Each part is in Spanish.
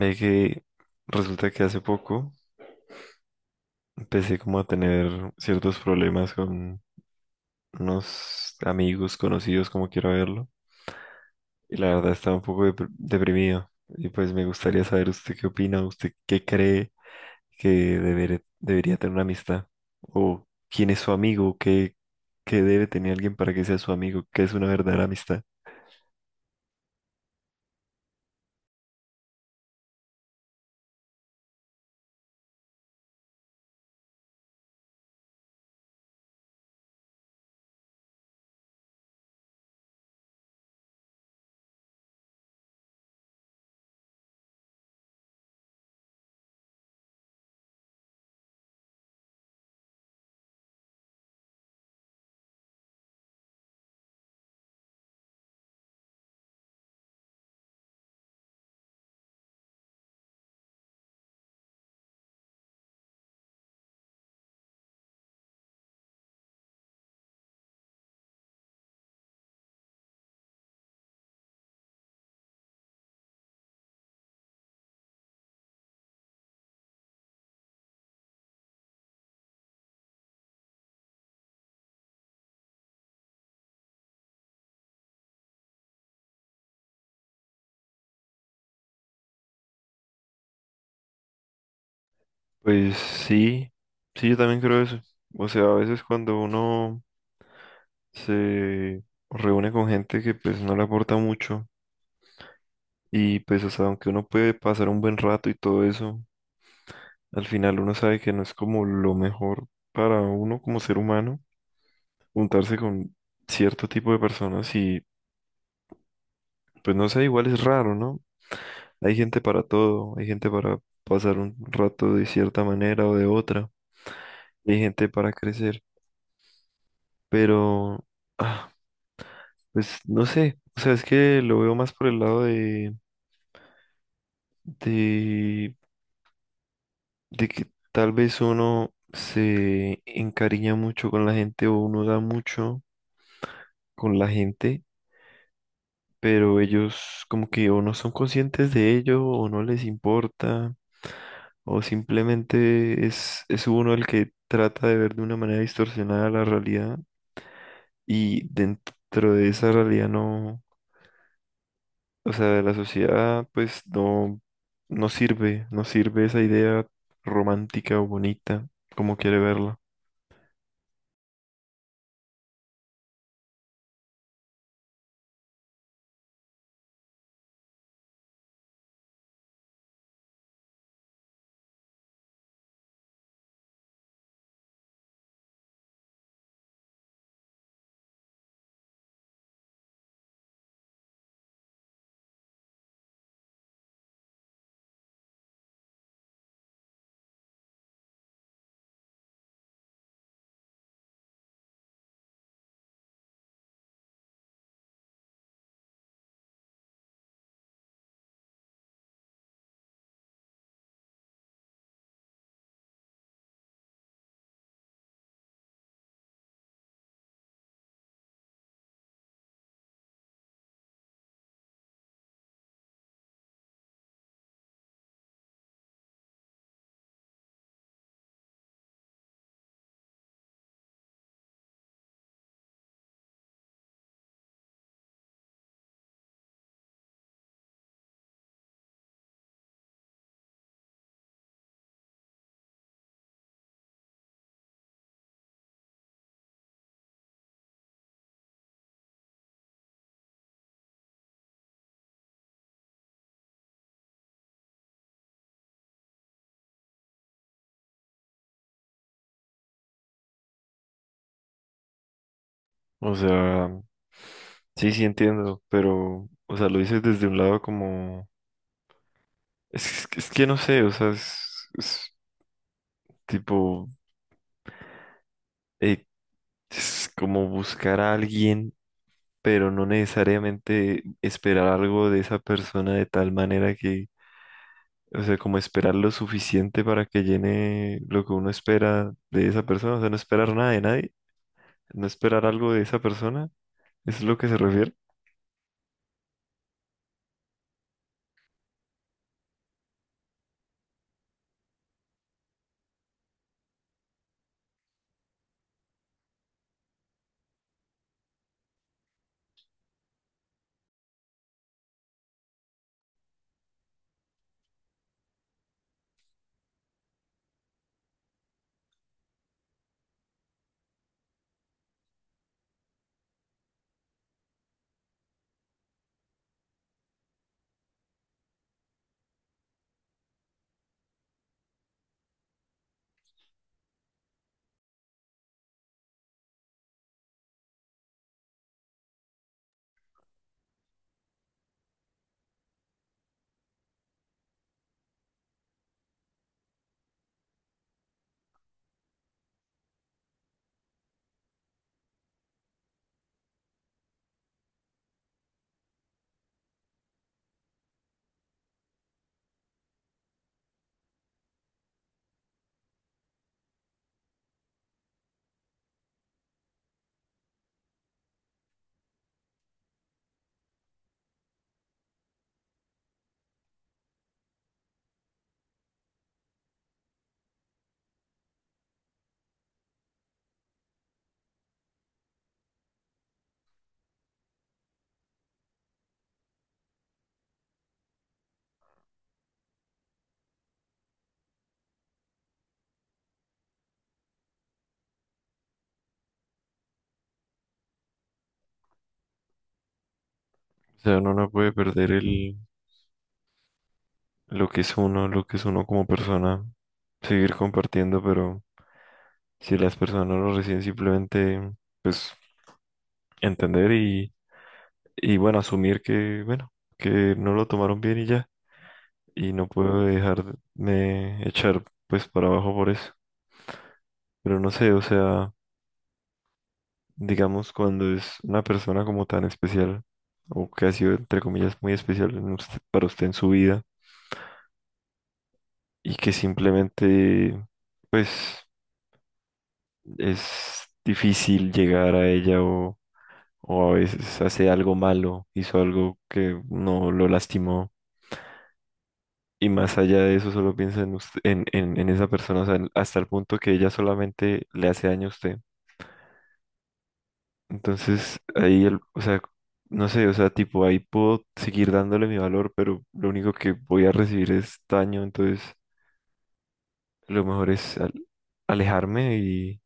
Ve que resulta que hace poco empecé como a tener ciertos problemas con unos amigos conocidos, como quiera verlo, y la verdad estaba un poco deprimido. Y pues me gustaría saber usted qué opina, usted qué cree que debería tener una amistad, o quién es su amigo, qué, qué debe tener alguien para que sea su amigo, qué es una verdadera amistad. Pues sí, sí, yo también creo eso. O sea, a veces cuando uno se reúne con gente que pues no le aporta mucho y pues o sea, aunque uno puede pasar un buen rato y todo eso, al final uno sabe que no es como lo mejor para uno como ser humano juntarse con cierto tipo de personas y pues no sé, igual es raro, ¿no? Hay gente para todo, hay gente para pasar un rato de cierta manera o de otra, hay gente para crecer, pero ah, pues no sé, o sea, es que lo veo más por el lado de, de de que tal vez uno se encariña mucho con la gente o uno da mucho con la gente, pero ellos como que o no son conscientes de ello o no les importa o simplemente es uno el que trata de ver de una manera distorsionada la realidad y dentro de esa realidad no, o sea, de la sociedad pues no, no sirve, no sirve esa idea romántica o bonita como quiere verla. O sea, sí, sí entiendo, pero, o sea, lo dices desde un lado como, es que no sé, o sea, es tipo, eh, es como buscar a alguien, pero no necesariamente esperar algo de esa persona de tal manera que, o sea, como esperar lo suficiente para que llene lo que uno espera de esa persona, o sea, no esperar nada de nadie, no esperar algo de esa persona, ¿eso es lo que se refiere? O sea, uno no puede perder el lo que es uno, lo que es uno como persona, seguir compartiendo, pero si las personas lo reciben simplemente pues, entender y bueno, asumir que, bueno, que no lo tomaron bien y ya, y no puedo dejarme echar pues para abajo por eso. Pero no sé, o sea, digamos cuando es una persona como tan especial, o que ha sido entre comillas muy especial en para usted en su vida, y que simplemente pues es difícil llegar a ella o a veces hace algo malo, hizo algo que no lo lastimó. Y más allá de eso, solo piensa en, en esa persona, o sea, hasta el punto que ella solamente le hace daño a usted. Entonces, ahí, el, o sea, no sé, o sea, tipo, ahí puedo seguir dándole mi valor, pero lo único que voy a recibir es daño, entonces lo mejor es alejarme y...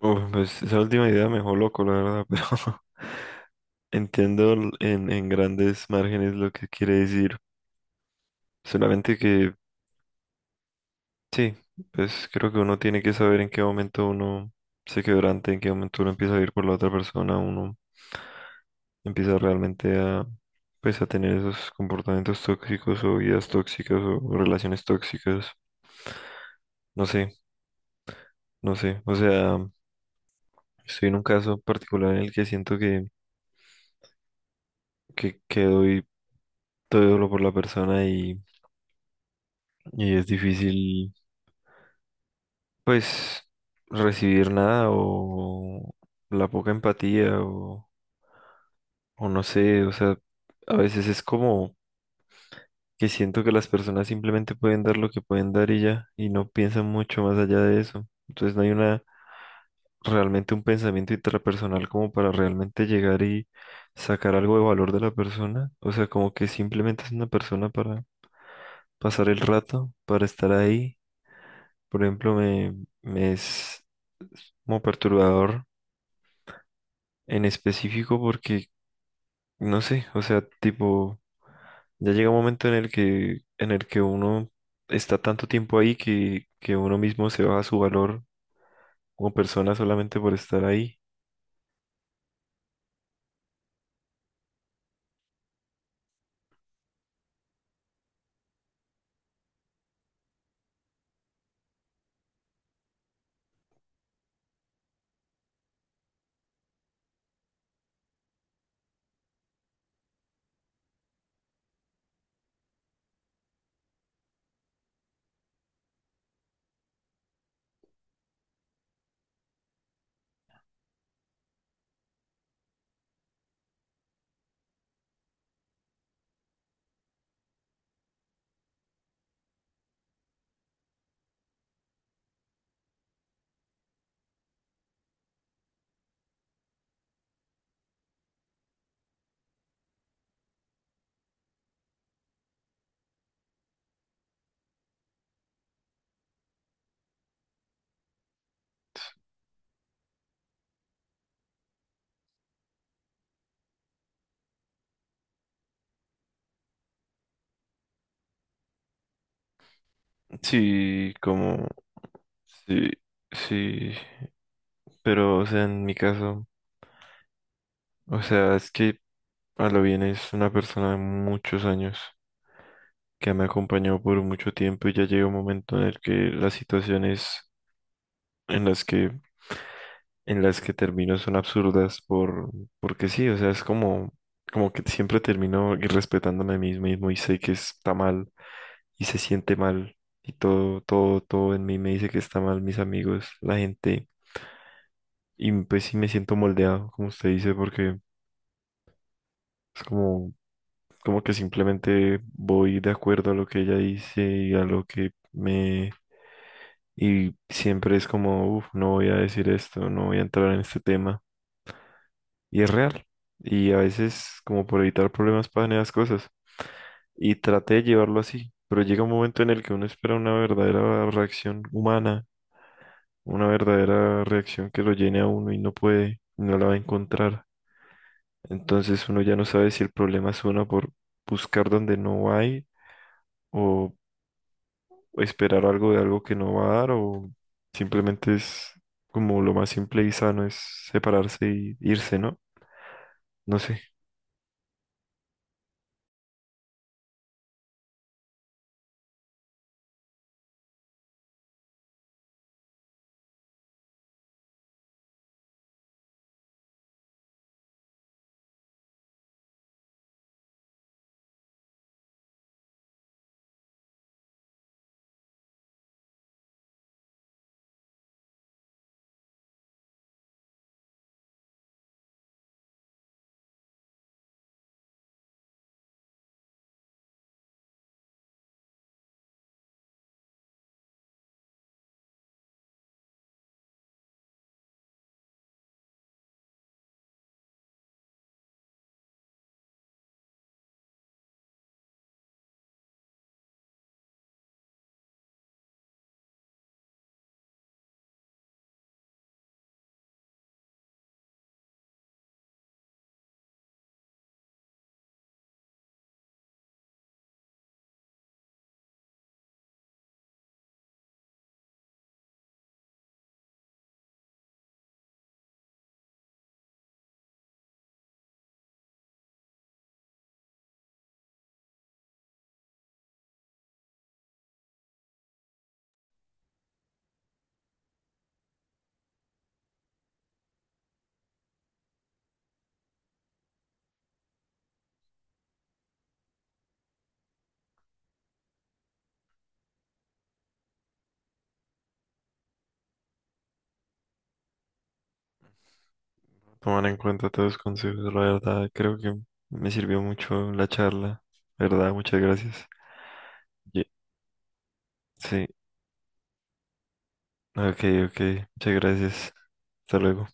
Uf, pues esa última idea me dejó loco, la verdad, pero... Entiendo en grandes márgenes lo que quiere decir, solamente que sí, pues creo que uno tiene que saber en qué momento uno se quebrante, en qué momento uno empieza a ir por la otra persona, uno empieza realmente a, pues a tener esos comportamientos tóxicos o vidas tóxicas o relaciones tóxicas, no sé, no sé, o sea, estoy en un caso particular en el que siento que, que doy todo lo por la persona y es difícil pues recibir nada o la poca empatía o no sé, o sea, a veces es como que siento que las personas simplemente pueden dar lo que pueden dar y ya, y no piensan mucho más allá de eso. Entonces no hay una realmente un pensamiento intrapersonal como para realmente llegar y sacar algo de valor de la persona. O sea, como que simplemente es una persona para pasar el rato, para estar ahí. Por ejemplo, me es como perturbador en específico porque, no sé, o sea, tipo, ya llega un momento en el que uno está tanto tiempo ahí que uno mismo se baja su valor como persona solamente por estar ahí. Sí, como, sí, sí, pero, o sea, en mi caso, o sea, es que a lo bien es una persona de muchos años que me acompañó por mucho tiempo y ya llega un momento en el que las situaciones en las que en las que termino son absurdas por, porque sí, o sea, es como, como que siempre termino irrespetándome a mí mismo y sé que está mal y se siente mal y todo, todo, todo en mí me dice que está mal, mis amigos, la gente, y pues sí me siento moldeado, como usted dice, porque es como, como que simplemente voy de acuerdo a lo que ella dice y a lo que me... Y siempre es como, uff, no voy a decir esto, no voy a entrar en este tema. Y es real. Y a veces, como por evitar problemas, pasan esas cosas. Y traté de llevarlo así, pero llega un momento en el que uno espera una verdadera reacción humana, una verdadera reacción que lo llene a uno y no puede, no la va a encontrar. Entonces uno ya no sabe si el problema es uno por buscar donde no hay o esperar algo de algo que no va a dar o simplemente es como lo más simple y sano es separarse y irse, ¿no? No sé. Tomar en cuenta todos los consejos, la verdad, creo que me sirvió mucho la charla, ¿verdad? Muchas gracias. Ye- Sí, ok, ok, muchas gracias. Hasta luego.